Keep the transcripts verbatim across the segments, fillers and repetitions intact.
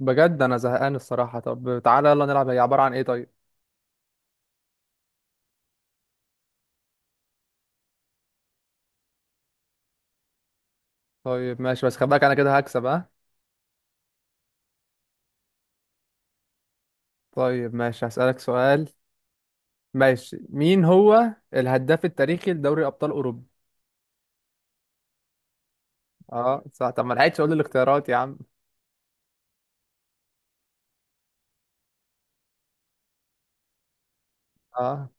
بجد انا زهقان الصراحه. طب تعالى يلا نلعب، هي عباره عن ايه؟ طيب طيب ماشي، بس خد بالك انا كده هكسب، ها. طيب ماشي هسالك سؤال. ماشي، مين هو الهداف التاريخي لدوري ابطال اوروبا؟ اه صح، طب ما لحقتش اقول الاختيارات يا عم. اه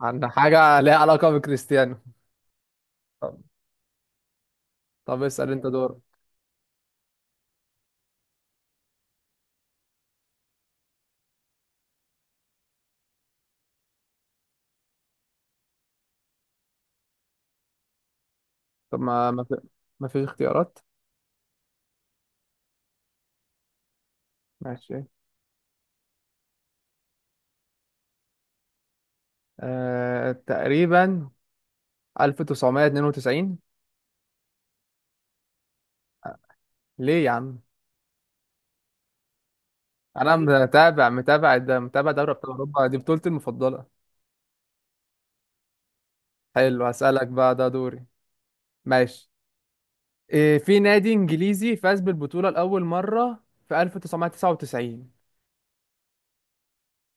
عن حاجه ليها علاقه بكريستيانو. طب, طب اسال انت دور. طب ما ما في ما فيش اختيارات. ماشي. آه تقريبا ألف وتسعمية واتنين وتسعين. ليه يا عم؟ انا متابع متابع ده متابع دوري ابطال اوروبا، دي بطولتي المفضله. حلو هسألك بقى ده دوري. ماشي. إيه في نادي إنجليزي فاز بالبطولة لأول مرة في ألف وتسعمية وتسعة وتسعين؟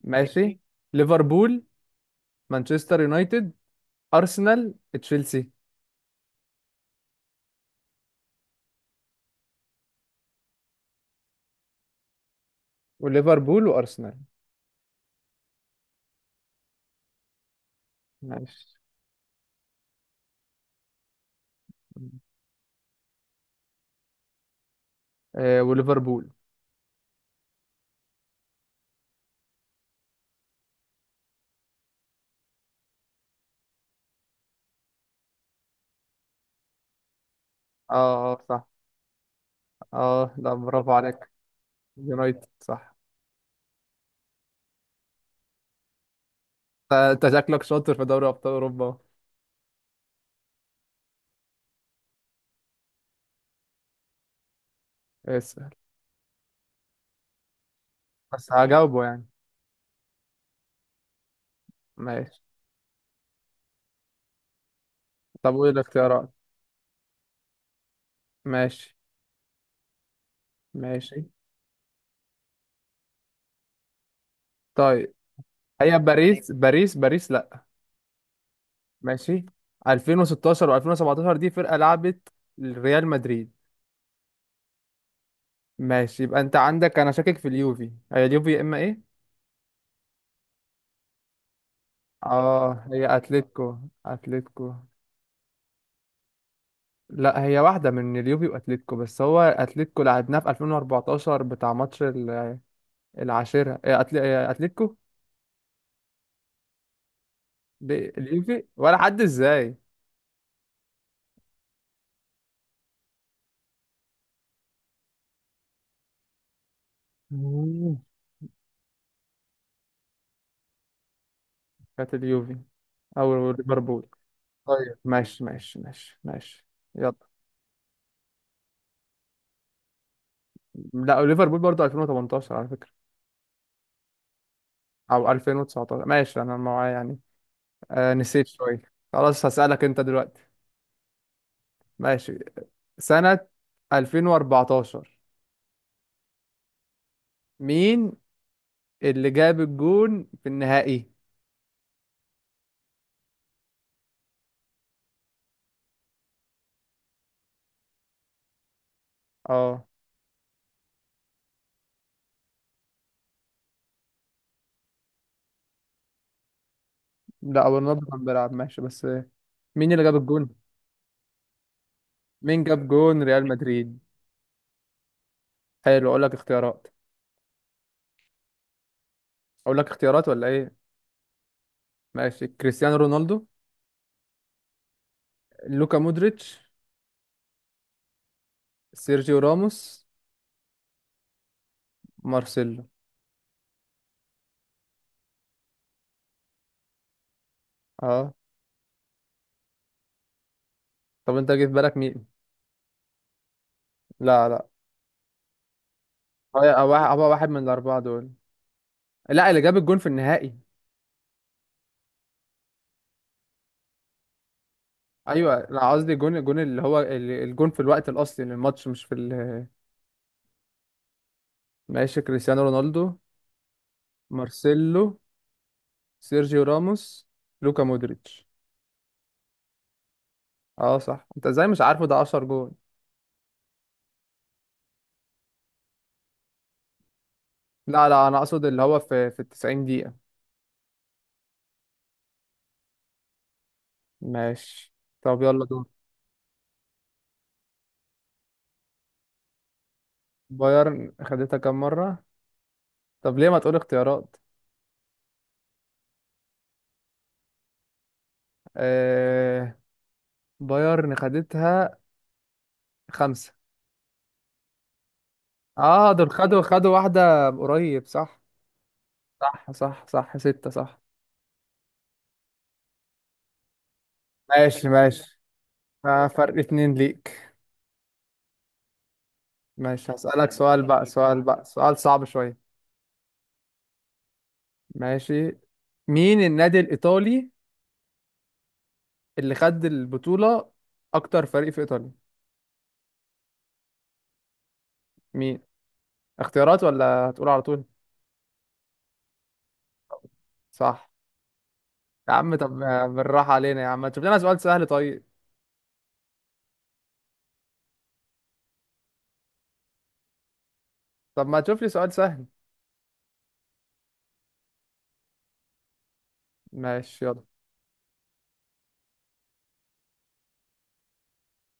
ماشي ماشي. ليفربول، مانشستر يونايتد، أرسنال، تشيلسي. وليفربول وأرسنال. ماشي. إيه وليفربول. اه. آه، صح. اه لا برافو عليك. يونايتد صح. ت- انت شكلك شاطر في دوري أبطال أوروبا. اسأل. بس هجاوبه يعني. ماشي. طب قول الاختيارات. ماشي ماشي. طيب هي باريس، باريس باريس لا. ماشي. ألفين وستة عشر و2017 دي فرقة لعبت، ريال مدريد. ماشي، يبقى انت عندك، انا شاكك في اليوفي، هي اليوفي يا اما ايه. اه هي اتلتيكو، اتلتيكو. لا هي واحدة من اليوفي واتلتيكو، بس هو اتلتيكو لعبناه في ألفين وأربعتاشر بتاع ماتش ال- العاشرة، إيه، أتل- إيه، اتلتيكو. ب- اليوفي ولا حد ازاي؟ مم. كانت اليوفي او ليفربول. طيب ماشي ماشي ماشي ماشي. يلا. لا ليفربول برضه ألفين وتمنتاشر على فكرة، او ألفين وتسعتاشر، ماشي انا معايا يعني. آه نسيت شويه. خلاص هسألك انت دلوقتي. ماشي. سنة ألفين وأربعتاشر مين اللي جاب الجون في النهائي؟ اه لا، هو رونالدو كان بيلعب ماشي، بس مين اللي جاب الجون؟ مين جاب جون ريال مدريد؟ حلو اقول لك اختيارات، اقول لك اختيارات ولا ايه؟ ماشي. كريستيانو رونالدو، لوكا مودريتش، سيرجيو راموس، مارسيلو. اه. طب انت جه في بالك مين؟ لا لا، هو هو واحد هو واحد من الاربعه دول. لا اللي جاب الجون في النهائي. ايوه انا قصدي الجون، الجون اللي هو ال- الجون في الوقت الاصلي للماتش، مش في ال-. ماشي. كريستيانو رونالدو، مارسيلو، سيرجيو راموس، لوكا مودريتش. اه صح، انت ازاي مش عارفه؟ ده عشرة جون. لا لا، انا اقصد اللي هو في في تسعين دقيقة. ماشي. طب يلا دور. بايرن خدتها كام مرة؟ طب ليه ما تقول اختيارات؟ آه. بايرن خدتها خمسة. اه دول خدوا خدوا واحدة قريب، صح. صح صح صح ستة صح. ماشي ماشي. آه، فرق اتنين ليك. ماشي هسألك سؤال بقى، سؤال بقى، سؤال صعب شوية. ماشي. مين النادي الإيطالي اللي خد البطولة أكتر فريق في إيطاليا؟ مين؟ اختيارات ولا هتقول على طول؟ صح. يا عم طب آه، بالراحة علينا يا عم، ما تشوف لنا سؤال سهل طيب. طب ما تشوف لي سؤال سهل. ماشي يلا.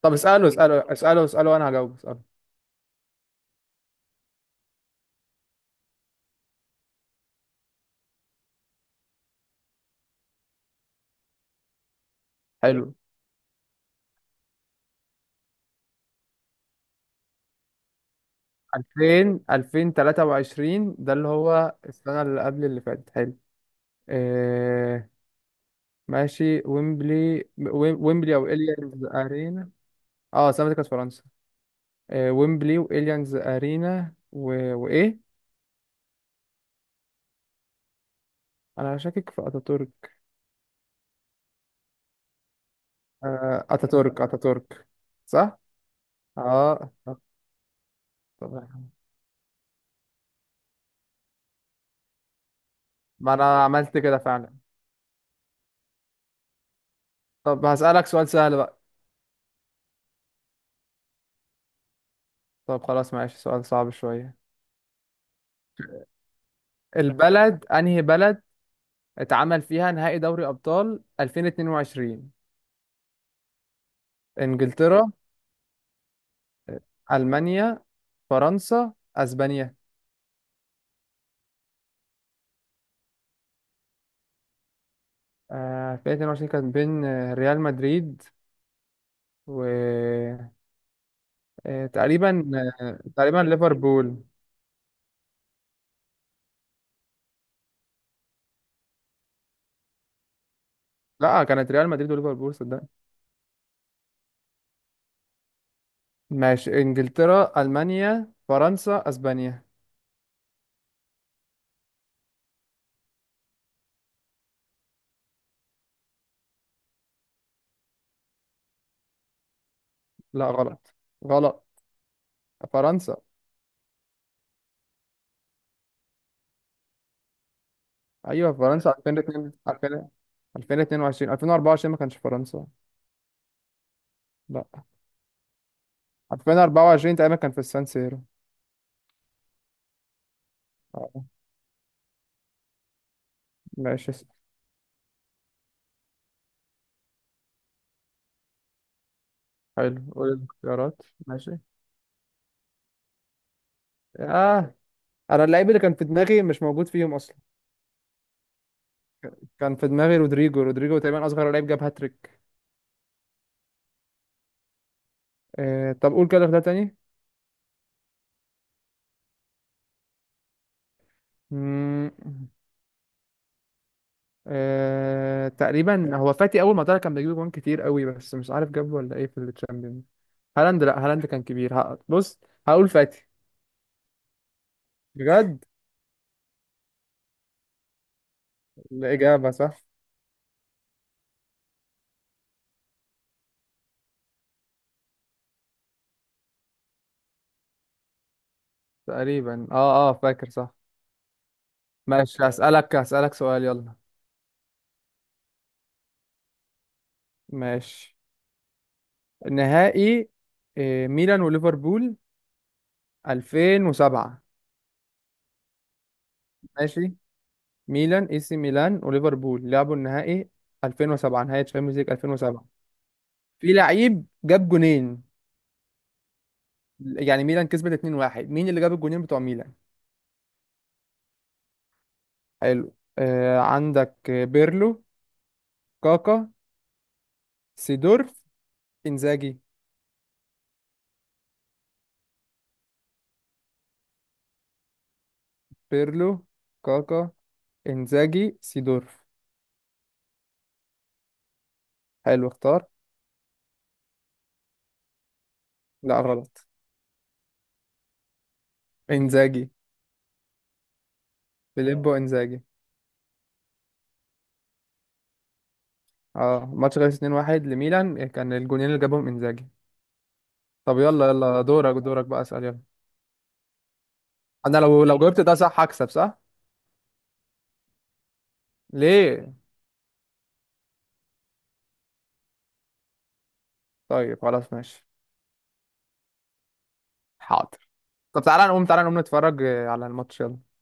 طب اسأله اسأله اسأله اسأله وأنا هجاوب، اسأله. حلو. ألفين ألفين وتلاتة وعشرين ده اللي هو السنة اللي قبل اللي فاتت، حلو. آه، ماشي، ويمبلي، ويم- ويمبلي او اليانز ارينا. اه سامتك كاس فرنسا. آه ويمبلي واليانز ارينا و... وايه؟ انا شاكك في اتاتورك. آه اتاتورك، اتاتورك. صح. اه طب. طب ما انا عملت كده فعلا. طب هسألك سؤال سهل بقى. طب خلاص ماشي، سؤال صعب شوية. البلد انهي بلد اتعمل فيها نهائي دوري ابطال ألفين واتنين وعشرين؟ انجلترا، المانيا، فرنسا، اسبانيا. آه، ألفين واتنين وعشرين كانت بين آه، ريال مدريد و آه، تقريبا، آه، تقريبا ليفربول. لا كانت ريال مدريد وليفربول، صدقني. ماشي، انجلترا، المانيا، فرنسا، اسبانيا. لا غلط. غلط. فرنسا. ايوه فرنسا ألفين واتنين ألفين. ألفين واتنين وعشرين ألفين وأربعة وعشرين ما كانش في فرنسا. لا. ألفين وأربعة وعشرين تقريبا كان في السان سيرو. آه، ماشي. حلو قول الاختيارات. ماشي. اه انا اللعيب اللي كان في دماغي مش موجود فيهم. كان في دماغي رودريجو رودريجو، تقريبا اصغر لعيب جاب هاتريك. آه طب قول كده اختيار تاني. مم، آه تقريبا هو فاتي، اول ما طلع كان بيجيب جوان كتير قوي، بس مش عارف جاب ولا ايه في التشامبيون. هالاند لا، هالاند كان كبير. ه- بص هقول فاتي. بجد الإجابة صح. تقريبا اه اه فاكر صح. ماشي هسألك هسألك سؤال يلا. ماشي. نهائي آه، ميلان وليفربول ألفين وسبعة. ماشي. ميلان، اي سي ميلان وليفربول لعبوا النهائي ألفين وسبعة، نهائي تشامبيونز ليج ألفين وسبعة، في لعيب جاب جونين. يعني ميلان كسبت اثنين واحد، مين اللي جاب الجونين بتوع ميلان؟ حلو. آه عندك بيرلو، كاكا، سيدورف، انزاجي. بيرلو، كاكا، انزاجي، سيدورف. حلو اختار. لا غلط. انزاجي، فيليبو انزاجي. اه ماتش خلص اثنين واحد لميلان، آه، كان الجونين اللي جابهم انزاجي. طب يلا يلا دورك دورك بقى، اسال يلا. انا لو لو جاوبت ده صح هكسب صح. ليه؟ طيب خلاص ماشي. حاضر. طب تعالى نقوم، تعالى نقوم نتفرج آه، على الماتش يلا.